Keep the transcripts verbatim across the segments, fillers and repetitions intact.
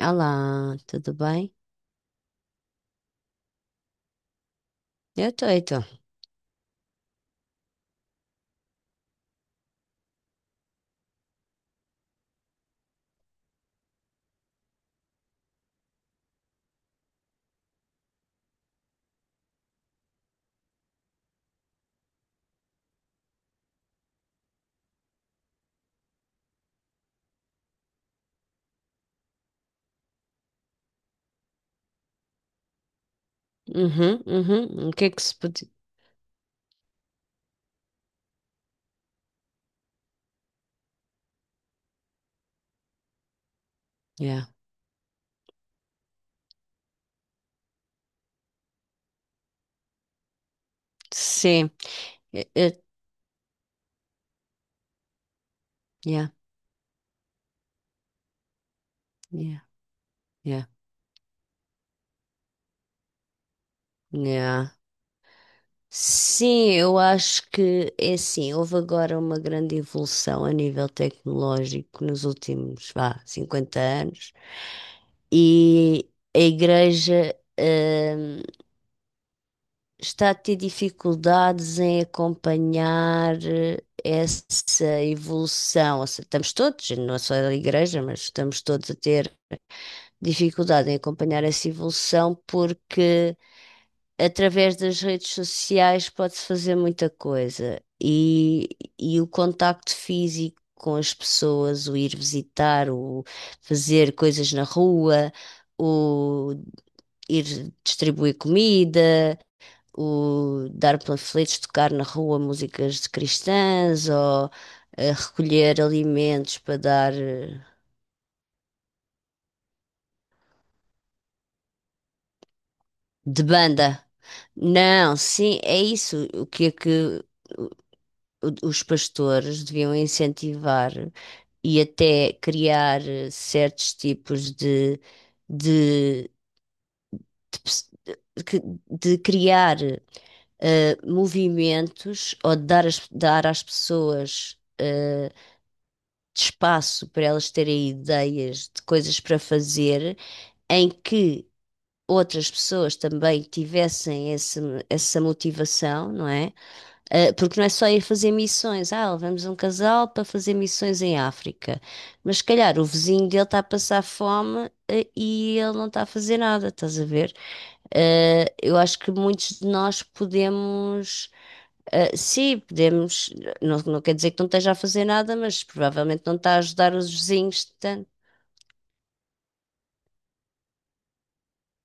Olá, tudo bem? Eu tô, eu tô. Uhum, uhum. O que é que se pode... Yeah. Sim. Eh, eh, Yeah, yeah, yeah, yeah. Sim, eu acho que é assim, houve agora uma grande evolução a nível tecnológico nos últimos, vá, cinquenta anos. E a igreja, hum, está a ter dificuldades em acompanhar eh, essa evolução. Ou seja, estamos todos, não é só a igreja, mas estamos todos a ter dificuldade em acompanhar essa evolução porque através das redes sociais pode-se fazer muita coisa e, e o contacto físico. Com as pessoas, o ir visitar, o fazer coisas na rua, o ir distribuir comida, o dar panfletos, tocar na rua músicas de cristãs ou eh, recolher alimentos para dar eh, de banda. Não, sim, é isso. O que é que o- o- os pastores deviam incentivar e até criar eh, certos tipos de, de, de pes- de- que- de criar eh, movimentos ou de dar, às- dar às pessoas, eh, de espaço para elas terem ideias de coisas para fazer, em que outras pessoas também tivessem esse, essa motivação, não é? Ah, Porque não é só ir fazer missões. Ah, levamos um casal para fazer missões em África. Mas se calhar o vizinho dele está a passar fome, eh, e ele não está a fazer nada, estás a ver? Ah, Eu acho que muitos de nós podemos ah, sim, podemos, não, não quer dizer que não esteja a fazer nada, mas provavelmente não está a ajudar os vizinhos tanto.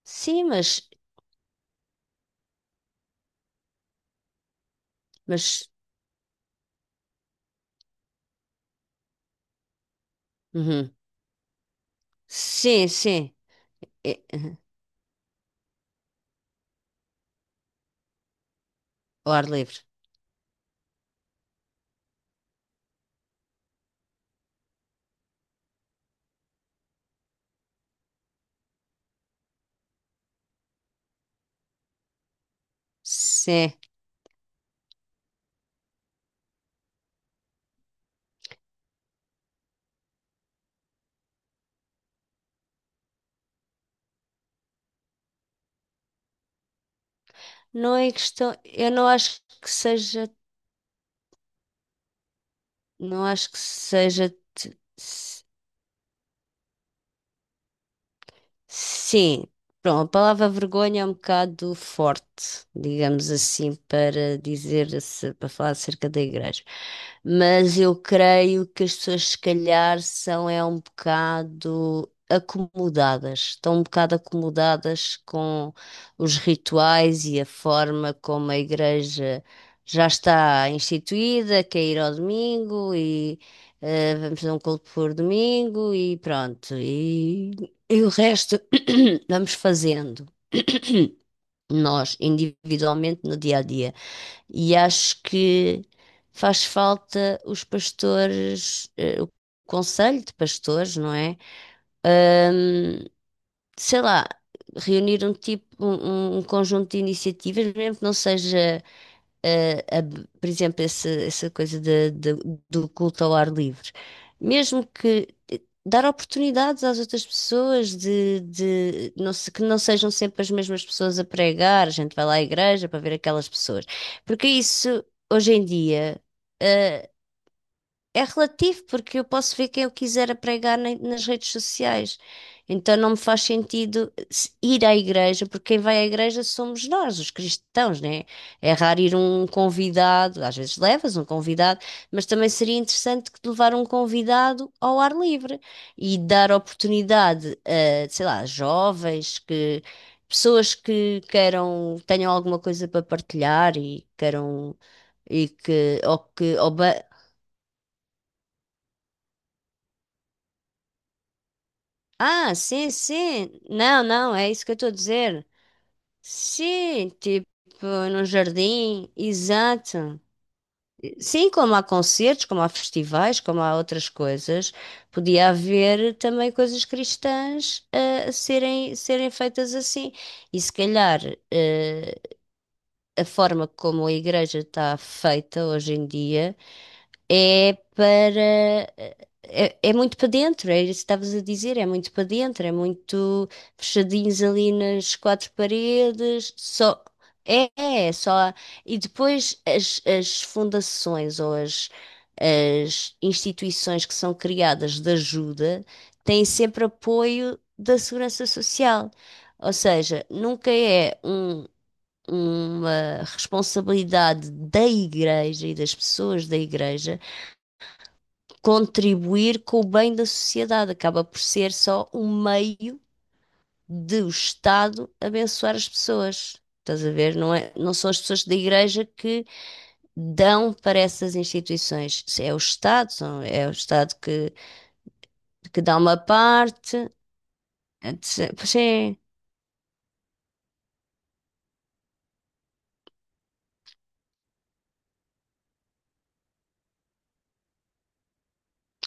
Sim, mas, mas, uhum. Sim, sim, é, uhum. Ao ar livre. Sim, não é questão, eu não acho que seja, não acho que seja, sim, pronto, a palavra vergonha é um bocado forte, digamos assim, para dizer, ace- para falar acerca da igreja. Mas eu creio que as pessoas, se calhar, são é um bocado acomodadas, estão um bocado acomodadas com os rituais e a forma como a igreja já está instituída, que é ir ao domingo e eh, vamos a um culto por domingo e pronto. E o resto vamos fazendo nós individualmente no dia a dia. E acho que faz falta os pastores, eh, o conselho de pastores, não é? Ahm, Sei lá, reunir um tipo, um, um conjunto de iniciativas, mesmo que não seja eh, a- por exemplo, essa, essa coisa de- de- do culto ao ar livre. Mesmo que eh, dar oportunidades às outras pessoas de, de não se- que não sejam sempre as mesmas pessoas a pregar, a gente vai lá à igreja para ver aquelas pessoas. Porque isso, hoje em dia, eh, é relativo, porque eu posso ver quem eu quiser a pregar na- nas redes sociais. Então não me faz sentido se- ir à igreja, porque quem vai à igreja somos nós, os cristãos, né? É raro ir um convidado, às vezes levas um convidado, mas também seria interessante que te levar um convidado ao ar livre e dar oportunidade a, sei lá, jovens que. Pessoas que queiram, tenham alguma coisa para partilhar e queiram e que ou que ah, sim, sim. Não, não, é isso que eu estou a dizer. Sim, tipo, no jardim, exato. Sim, como há concertos, como há festivais, como há outras coisas, podia haver também coisas cristãs eh, a serem, serem feitas assim. E se calhar eh, a forma como a igreja está feita hoje em dia é para. É, é muito para dentro, é isso que estavas a dizer, é muito para dentro, é muito fechadinhos ali nas quatro paredes, só. É, é é só. E depois as, as fundações ou as, as instituições que são criadas de ajuda têm sempre apoio da Segurança Social. Ou seja, nunca é um- uma responsabilidade da igreja e das pessoas da igreja contribuir com o bem da sociedade. Acaba por ser só um meio de o Estado abençoar as pessoas. Estás a ver? Não é, não são as pessoas da igreja que dão para essas instituições. É o Estado, são- é o Estado que, que dá uma parte. Pois é,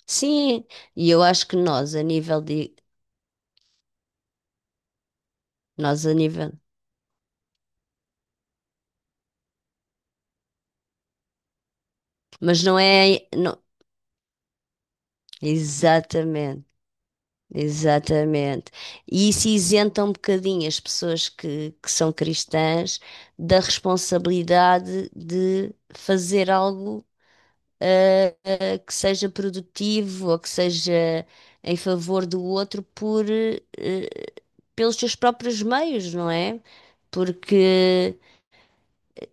sim. E eu acho que nós, a nível de. Nós, a nível. Mas não é. Não, exatamente. Exatamente. E isso isenta um bocadinho as pessoas que, que são cristãs da responsabilidade de fazer algo ah, ah, que seja produtivo ou que seja em favor do outro por, eh, pelos seus próprios meios, não é? Porque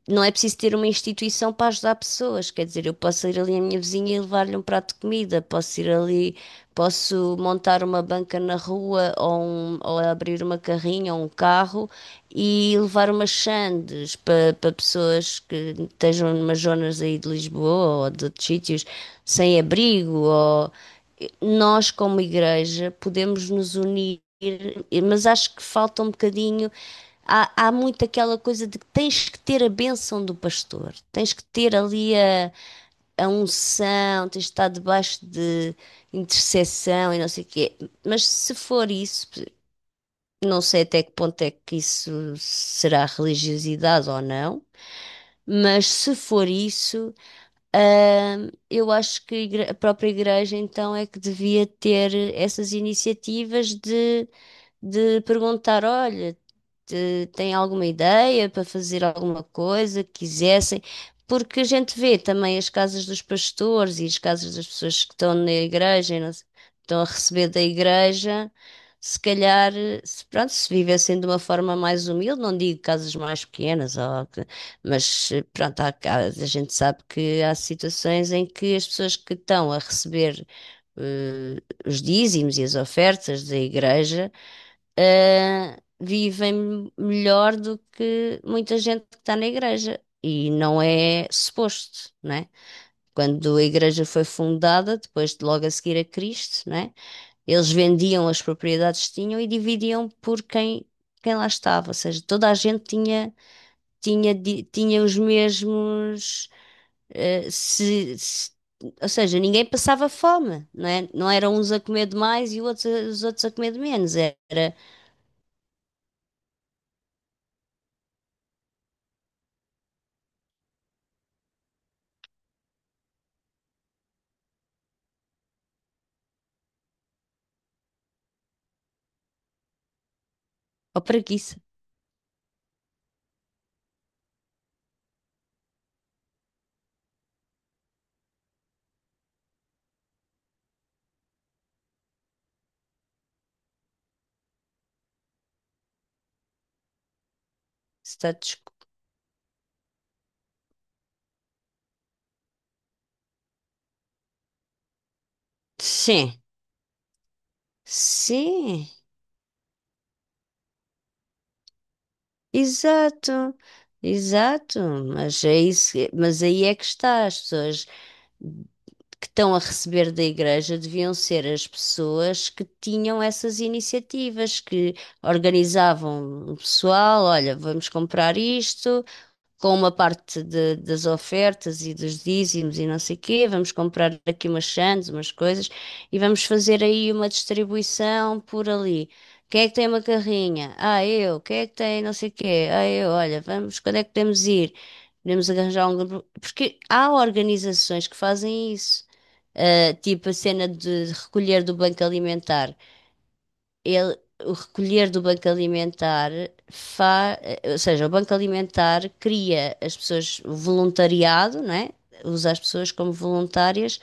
não é preciso ter uma instituição para ajudar pessoas. Quer dizer, eu posso ir ali à minha vizinha e levar-lhe um prato de comida, posso ir ali, posso montar uma banca na rua ou, um- ou abrir uma carrinha ou um carro e levar umas sandes para pessoas que estejam numas zonas aí de Lisboa ou de outros sítios sem abrigo ou nós, como igreja, podemos nos unir, mas acho que falta um bocadinho. Há, há muito aquela coisa de que tens que ter a bênção do pastor, tens que ter ali a, a unção, tens de estar debaixo de intercessão e não sei o quê. Mas se for isso, não sei até que ponto é que isso será religiosidade ou não, mas se for isso, Ahm, eu acho que a igre- a própria igreja então é que devia ter essas iniciativas de, de perguntar, olha te- têm alguma ideia para fazer alguma coisa que quisessem, porque a gente vê também as casas dos pastores e as casas das pessoas que estão na igreja, e não se- estão a receber da igreja. Se calhar, se, pronto, se vivessem de uma forma mais humilde, não digo casas mais pequenas, ou que- mas eh, pronto, há, ca- a gente sabe que há situações em que as pessoas que estão a receber eh, os dízimos e as ofertas da igreja ah, vivem melhor do que muita gente que está na igreja. E não é suposto, né? Quando a igreja foi fundada, depois de logo a seguir a Cristo, né? Eles vendiam as propriedades que tinham e dividiam por quem, quem lá estava. Ou seja, toda a gente tinha, tinha, di- tinha os mesmos, eh, se, se- ou seja, ninguém passava fome, não é? Não eram uns a comer de mais e outros, a- os outros a comer de menos. Era, ou Está discu- sim, sim, exato, exato. Mas é isso, mas aí é que está. As pessoas que estão a receber da igreja deviam ser as pessoas que tinham essas iniciativas, que organizavam o pessoal, olha, vamos comprar isto, com uma parte de- das ofertas e dos dízimos e não sei quê. Vamos comprar aqui umas sandes, umas coisas e vamos fazer aí uma distribuição por ali. Quem é que tem uma carrinha? Ah, eu. Quem é que tem não sei quê? Ah, eu. Olha, vamos, quando é que podemos ir? Podemos arranjar um grupo. Porque há organizações que fazem isso. Ah, tipo a cena de recolher do banco alimentar ele, o recolher do banco alimentar fa, ou seja, o banco alimentar cria as pessoas o voluntariado, não é? Usa as pessoas como voluntárias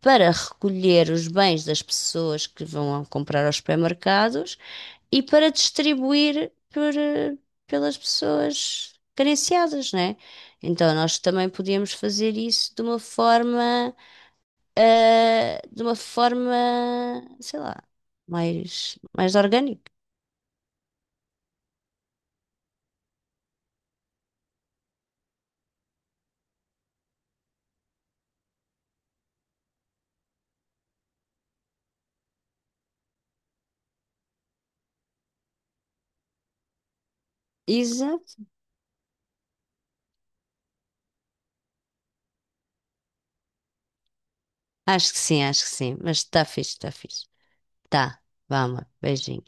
para recolher os bens das pessoas que vão comprar aos supermercados e para distribuir por, eh, pelas pessoas carenciadas, não é? Então nós também podíamos fazer isso de uma forma, eh, de uma forma, sei lá, mais, mais orgânica. Exato. Acho que sim, acho que sim. Mas está fixe, está fixe. Tá. Vamos beijinho.